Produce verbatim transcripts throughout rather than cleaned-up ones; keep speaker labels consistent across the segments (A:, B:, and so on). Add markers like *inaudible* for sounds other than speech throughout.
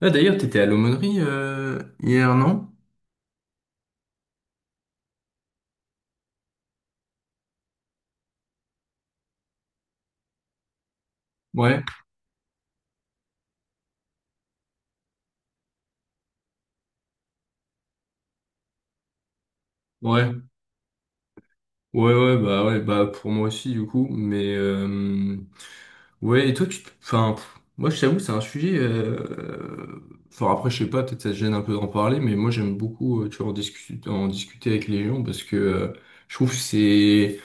A: Ah, d'ailleurs, t'étais à l'aumônerie euh, hier, non? Ouais, ouais, ouais, ouais, bah ouais, bah pour moi aussi du coup, mais euh, ouais, et toi, tu, enfin, pff, moi je t'avoue, c'est un sujet, euh, enfin après je sais pas, peut-être ça te gêne un peu d'en parler, mais moi j'aime beaucoup, euh, tu vois, en discuter, en discuter avec les gens parce que euh, je trouve que c'est,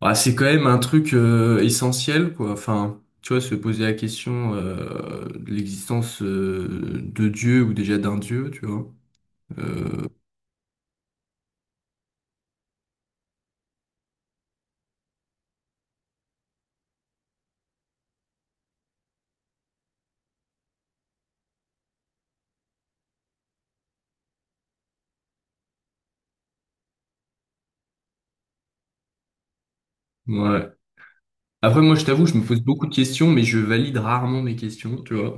A: bah, c'est quand même un truc euh, essentiel, quoi, enfin. Tu vois, se poser la question euh, de l'existence euh, de Dieu ou déjà d'un Dieu, tu vois. euh, Ouais. Après, moi, je t'avoue, je me pose beaucoup de questions, mais je valide rarement mes questions, tu vois.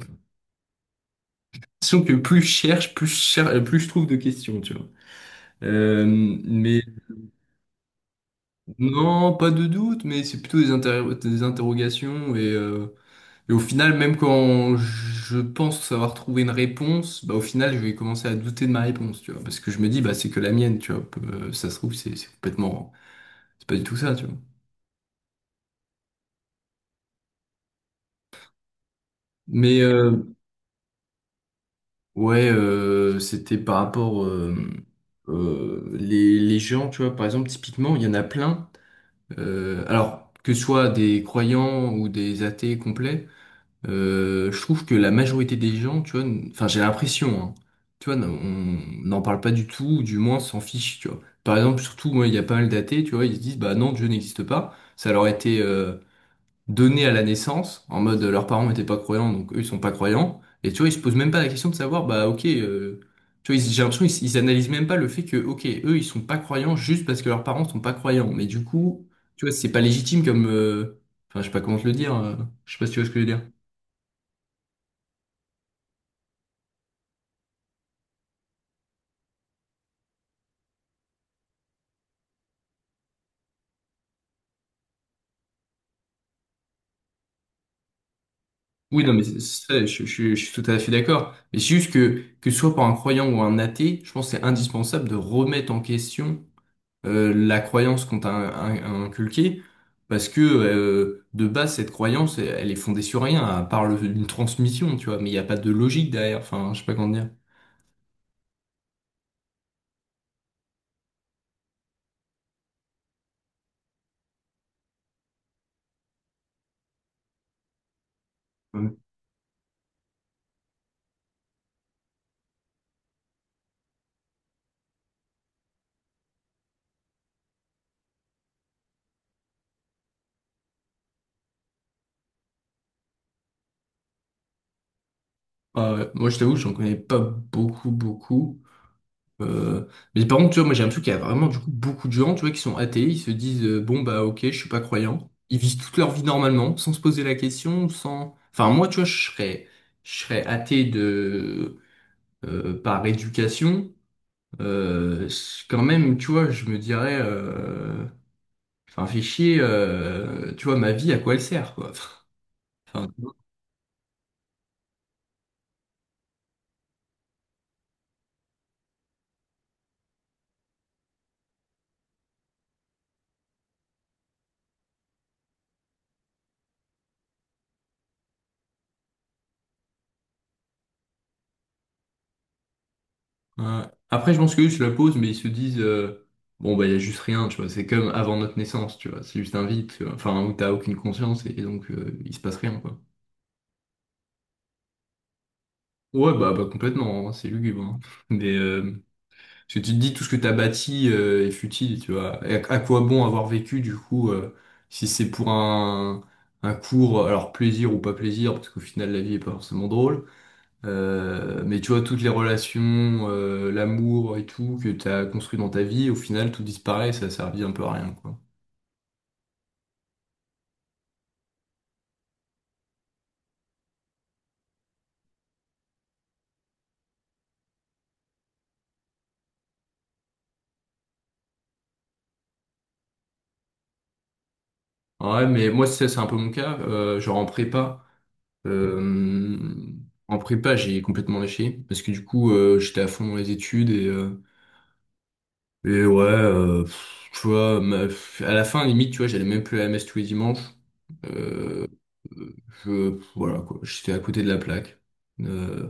A: Sauf que plus je cherche, plus je cher- euh, plus je trouve de questions, tu vois. Euh, mais non, pas de doute, mais c'est plutôt des, inter- des interrogations. Et, euh, et au final, même quand je pense savoir trouver une réponse, bah, au final, je vais commencer à douter de ma réponse, tu vois. Parce que je me dis, bah, c'est que la mienne, tu vois. Euh, ça se trouve, c'est c'est complètement... C'est pas du tout ça, tu vois. Mais, euh, ouais, euh, c'était par rapport euh, euh, les, les gens, tu vois, par exemple, typiquement, il y en a plein. Euh, alors, que ce soit des croyants ou des athées complets, euh, je trouve que la majorité des gens, tu vois, n- enfin, j'ai l'impression, hein, tu vois, n- on n'en parle pas du tout, ou du moins s'en fiche, tu vois. Par exemple, surtout, moi, il y a pas mal d'athées, tu vois, ils se disent, bah non, Dieu n'existe pas. Ça leur a été euh, donnés à la naissance, en mode euh, leurs parents n'étaient pas croyants, donc eux ils sont pas croyants. Et tu vois, ils se posent même pas la question de savoir, bah ok, euh, tu vois, ils- j'ai l'impression qu'ils ils analysent même pas le fait que, ok, eux ils sont pas croyants juste parce que leurs parents sont pas croyants. Mais du coup, tu vois, c'est pas légitime comme, euh, enfin je sais pas comment te le dire, euh, je sais pas si tu vois ce que je veux dire. Oui, non, mais c'est- c'est- je, je, je suis tout à fait d'accord. Mais c'est juste que, que ce soit pour un croyant ou un athée, je pense que c'est indispensable de remettre en question euh, la croyance qu'on t'a in- in- inculquée, parce que euh, de base, cette croyance, elle, elle est fondée sur rien, à part le- une transmission, tu vois, mais il n'y a pas de logique derrière, enfin, je sais pas comment dire. Ouais. Ah ouais. Moi, je t'avoue, j'en connais pas beaucoup, beaucoup. Euh, mais par contre, tu vois, moi, j'ai l'impression qu'il y a vraiment, du coup, beaucoup de gens, tu vois, qui sont athées, ils se disent, euh, bon, bah, ok, je suis pas croyant. Ils vivent toute leur vie normalement, sans se poser la question, sans... Enfin, moi, tu vois, je serais, je serais athée de... euh, par éducation, Euh, c- quand même, tu vois, je me dirais, euh, enfin, fais chier, euh, tu vois, ma vie, à quoi elle sert, quoi. *laughs* Enfin, tu vois. Ouais. Après, je pense qu'eux se la posent, mais ils se disent, euh, bon, bah, il y a juste rien, tu vois, c'est comme avant notre naissance, tu vois, c'est juste un vide, tu vois. Enfin, où t'as aucune conscience et, et donc euh, il se passe rien, quoi. Ouais, bah, bah complètement, hein, c'est lugubre, hein. *laughs* Mais, euh, parce que tu te dis tout ce que t'as bâti euh, est futile, tu vois. Et à, à quoi bon avoir vécu du coup euh, si c'est pour un, un court, alors plaisir ou pas plaisir, parce qu'au final la vie est pas forcément drôle. Euh, mais tu vois toutes les relations, euh, l'amour et tout que t'as construit dans ta vie, au final tout disparaît, ça a servi un peu à rien, quoi. Ouais, mais moi c'est c'est un peu mon cas. Euh, genre en prépa, euh, en prépa j'ai complètement lâché parce que du coup euh, j'étais à fond dans les études et euh, et ouais, euh, pff, tu vois, ma- pff, à la fin, limite, tu vois, j'allais même plus à la messe tous les dimanches. Euh, euh, je, voilà, quoi, j'étais à côté de la plaque. Euh,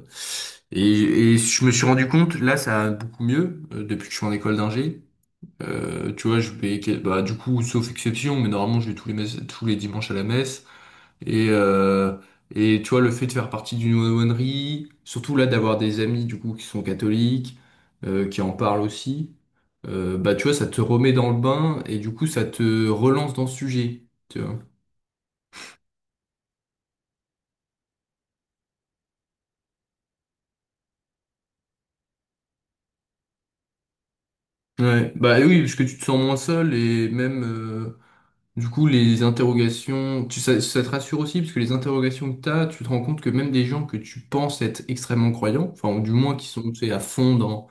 A: et, et je me suis rendu compte, là, ça a beaucoup mieux, euh, depuis que je suis en école d'ingé. Euh, tu vois, je vais, bah, du coup, sauf exception, mais normalement, je vais tous les, messes- tous les dimanches à la messe. Et, euh, et tu vois, le fait de faire partie d'une aumônerie, surtout là d'avoir des amis du coup qui sont catholiques, euh, qui en parlent aussi, euh, bah tu vois, ça te remet dans le bain et du coup ça te relance dans ce sujet. Tu vois. Ouais, bah oui, parce que tu te sens moins seul et même euh, du coup les interrogations, tu, ça, ça te rassure aussi parce que les interrogations que t'as, tu te rends compte que même des gens que tu penses être extrêmement croyants, enfin ou du moins qui sont tu sais, à fond dans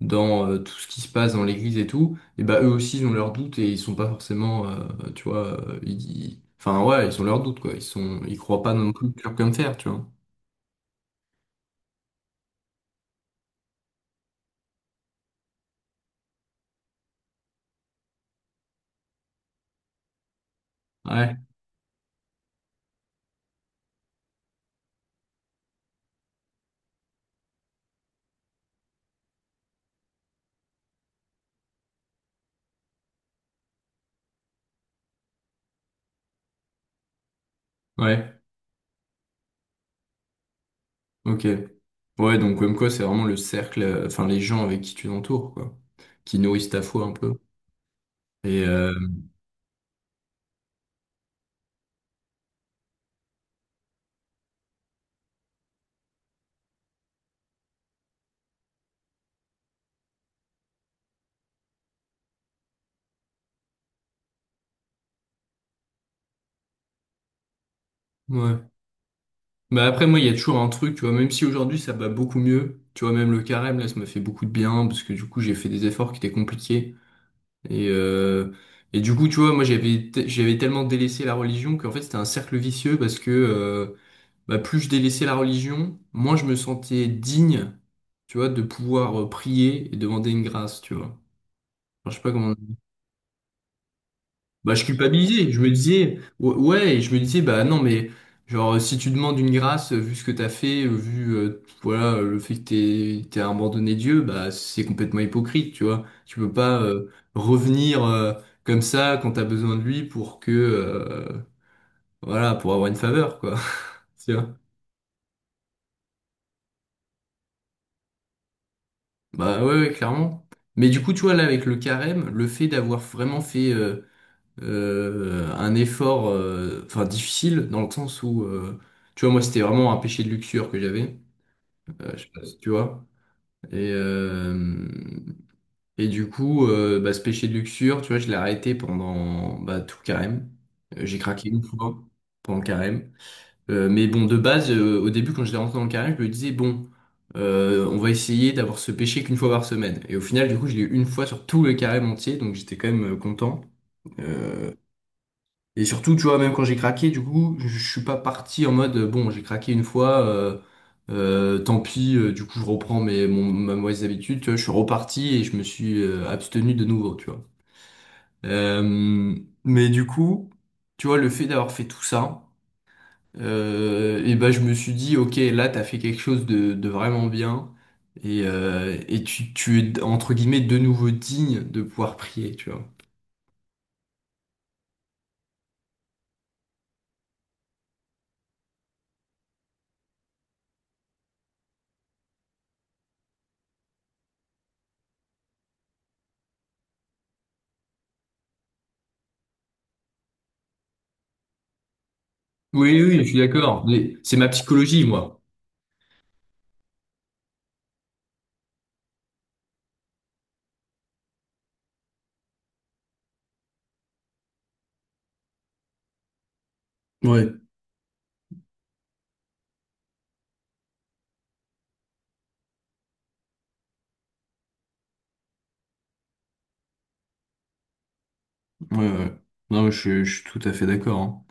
A: dans euh, tout ce qui se passe dans l'église et tout, et bah eux aussi ils ont leurs doutes et ils sont pas forcément, euh, tu vois, euh, ils- ils- enfin ouais, ils ont leurs doutes quoi, ils sont, ils croient pas non plus dur comme fer, tu vois. Ouais, ouais, ok. Ouais, donc comme quoi c'est vraiment le cercle, euh, enfin les gens avec qui tu t'entoures quoi, qui nourrissent ta foi un peu. Et euh, ouais. Bah après moi il y a toujours un truc, tu vois, même si aujourd'hui ça va beaucoup mieux, tu vois, même le carême là ça m'a fait beaucoup de bien parce que du coup j'ai fait des efforts qui étaient compliqués. Et, euh, et du coup, tu vois, moi j'avais te- j'avais tellement délaissé la religion qu'en fait c'était un cercle vicieux parce que euh, bah, plus je délaissais la religion, moins je me sentais digne, tu vois, de pouvoir euh, prier et demander une grâce, tu vois. Enfin, je sais pas comment bah, je culpabilisais. Je me disais, ou- ouais, et je me disais, bah non, mais genre, si tu demandes une grâce, euh, vu ce que t'as fait, euh, vu, euh, voilà, euh, le fait que t'aies, t'aies abandonné Dieu, bah, c'est complètement hypocrite, tu vois. Tu peux pas, euh, revenir, euh, comme ça quand t'as besoin de lui pour que, euh, voilà, pour avoir une faveur, quoi. *laughs* Tu vois. Bah, ouais, ouais, clairement. Mais du coup, tu vois, là, avec le carême, le fait d'avoir vraiment fait, euh, euh, un effort euh, enfin difficile dans le sens où euh, tu vois moi c'était vraiment un péché de luxure que j'avais euh, je sais pas si tu vois et euh, et du coup euh, bah, ce péché de luxure tu vois je l'ai arrêté pendant bah, tout le carême. Euh, j'ai craqué une fois pendant le carême. Euh, mais bon de base euh, au début quand j'étais rentré dans le carême je me disais bon euh, on va essayer d'avoir ce péché qu'une fois par semaine et au final du coup je l'ai eu une fois sur tout le carême entier donc j'étais quand même euh, content. Euh, Et surtout, tu vois, même quand j'ai craqué, du coup, je je suis pas parti en mode, euh, bon, j'ai craqué une fois, euh, euh, tant pis, euh, du coup, je reprends mes, mon, ma mauvaise habitude, tu vois, je suis reparti et je me suis euh, abstenu de nouveau, tu vois. Euh, mais du coup, tu vois, le fait d'avoir fait tout ça, euh, et ben, je me suis dit, ok, là, t'as fait quelque chose de, de vraiment bien, et, euh, et tu, tu es, entre guillemets, de nouveau digne de pouvoir prier, tu vois. Oui, oui, je suis d'accord. Mais c'est ma psychologie, moi. Ouais. Ouais, ouais. Non, mais je, je suis tout à fait d'accord, hein.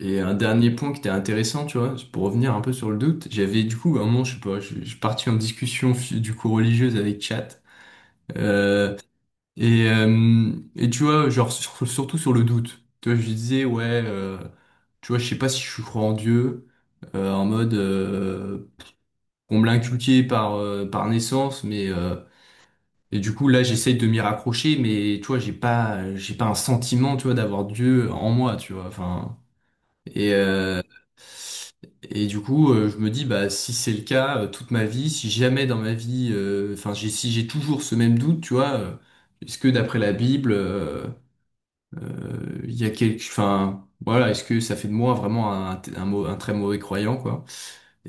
A: Et un dernier point qui était intéressant, tu vois, pour revenir un peu sur le doute, j'avais du coup, à un moment, je sais pas, je je suis parti en discussion fi- du coup religieuse avec Chat. Euh, et, euh, et tu vois, genre, sur- surtout sur le doute. Tu vois, je lui disais, ouais, euh, tu vois, je sais pas si je crois en Dieu, euh, en mode, euh, on me l'a inculqué par, euh, par naissance, mais euh, et du coup, là, j'essaye de m'y raccrocher, mais tu vois, j'ai pas, j'ai pas un sentiment, tu vois, d'avoir Dieu en moi, tu vois. Enfin, et, euh, et du coup, euh, je me dis, bah, si c'est le cas, euh, toute ma vie, si jamais dans ma vie, euh, enfin, j'ai, si j'ai toujours ce même doute, tu vois, euh, est-ce que d'après la Bible, euh, euh, il y a quelque, enfin, voilà, est-ce que ça fait de moi vraiment un, un, mau- un très mauvais croyant, quoi?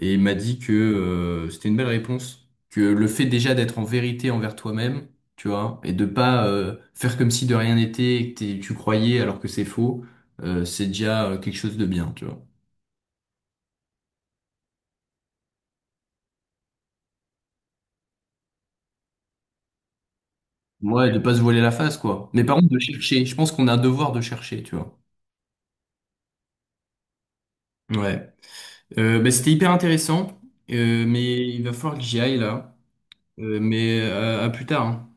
A: Et il m'a dit que euh, c'était une belle réponse, que le fait déjà d'être en vérité envers toi-même, tu vois, et de pas euh, faire comme si de rien n'était, et que t'es- tu croyais alors que c'est faux, euh, c'est déjà euh, quelque chose de bien, tu vois. Ouais, de pas se voiler la face, quoi. Mais par contre, de chercher. Je pense qu'on a un devoir de chercher, tu vois. Ouais. Euh, bah, c'était hyper intéressant, euh, mais il va falloir que j'y aille là. Euh, mais euh, à plus tard, hein.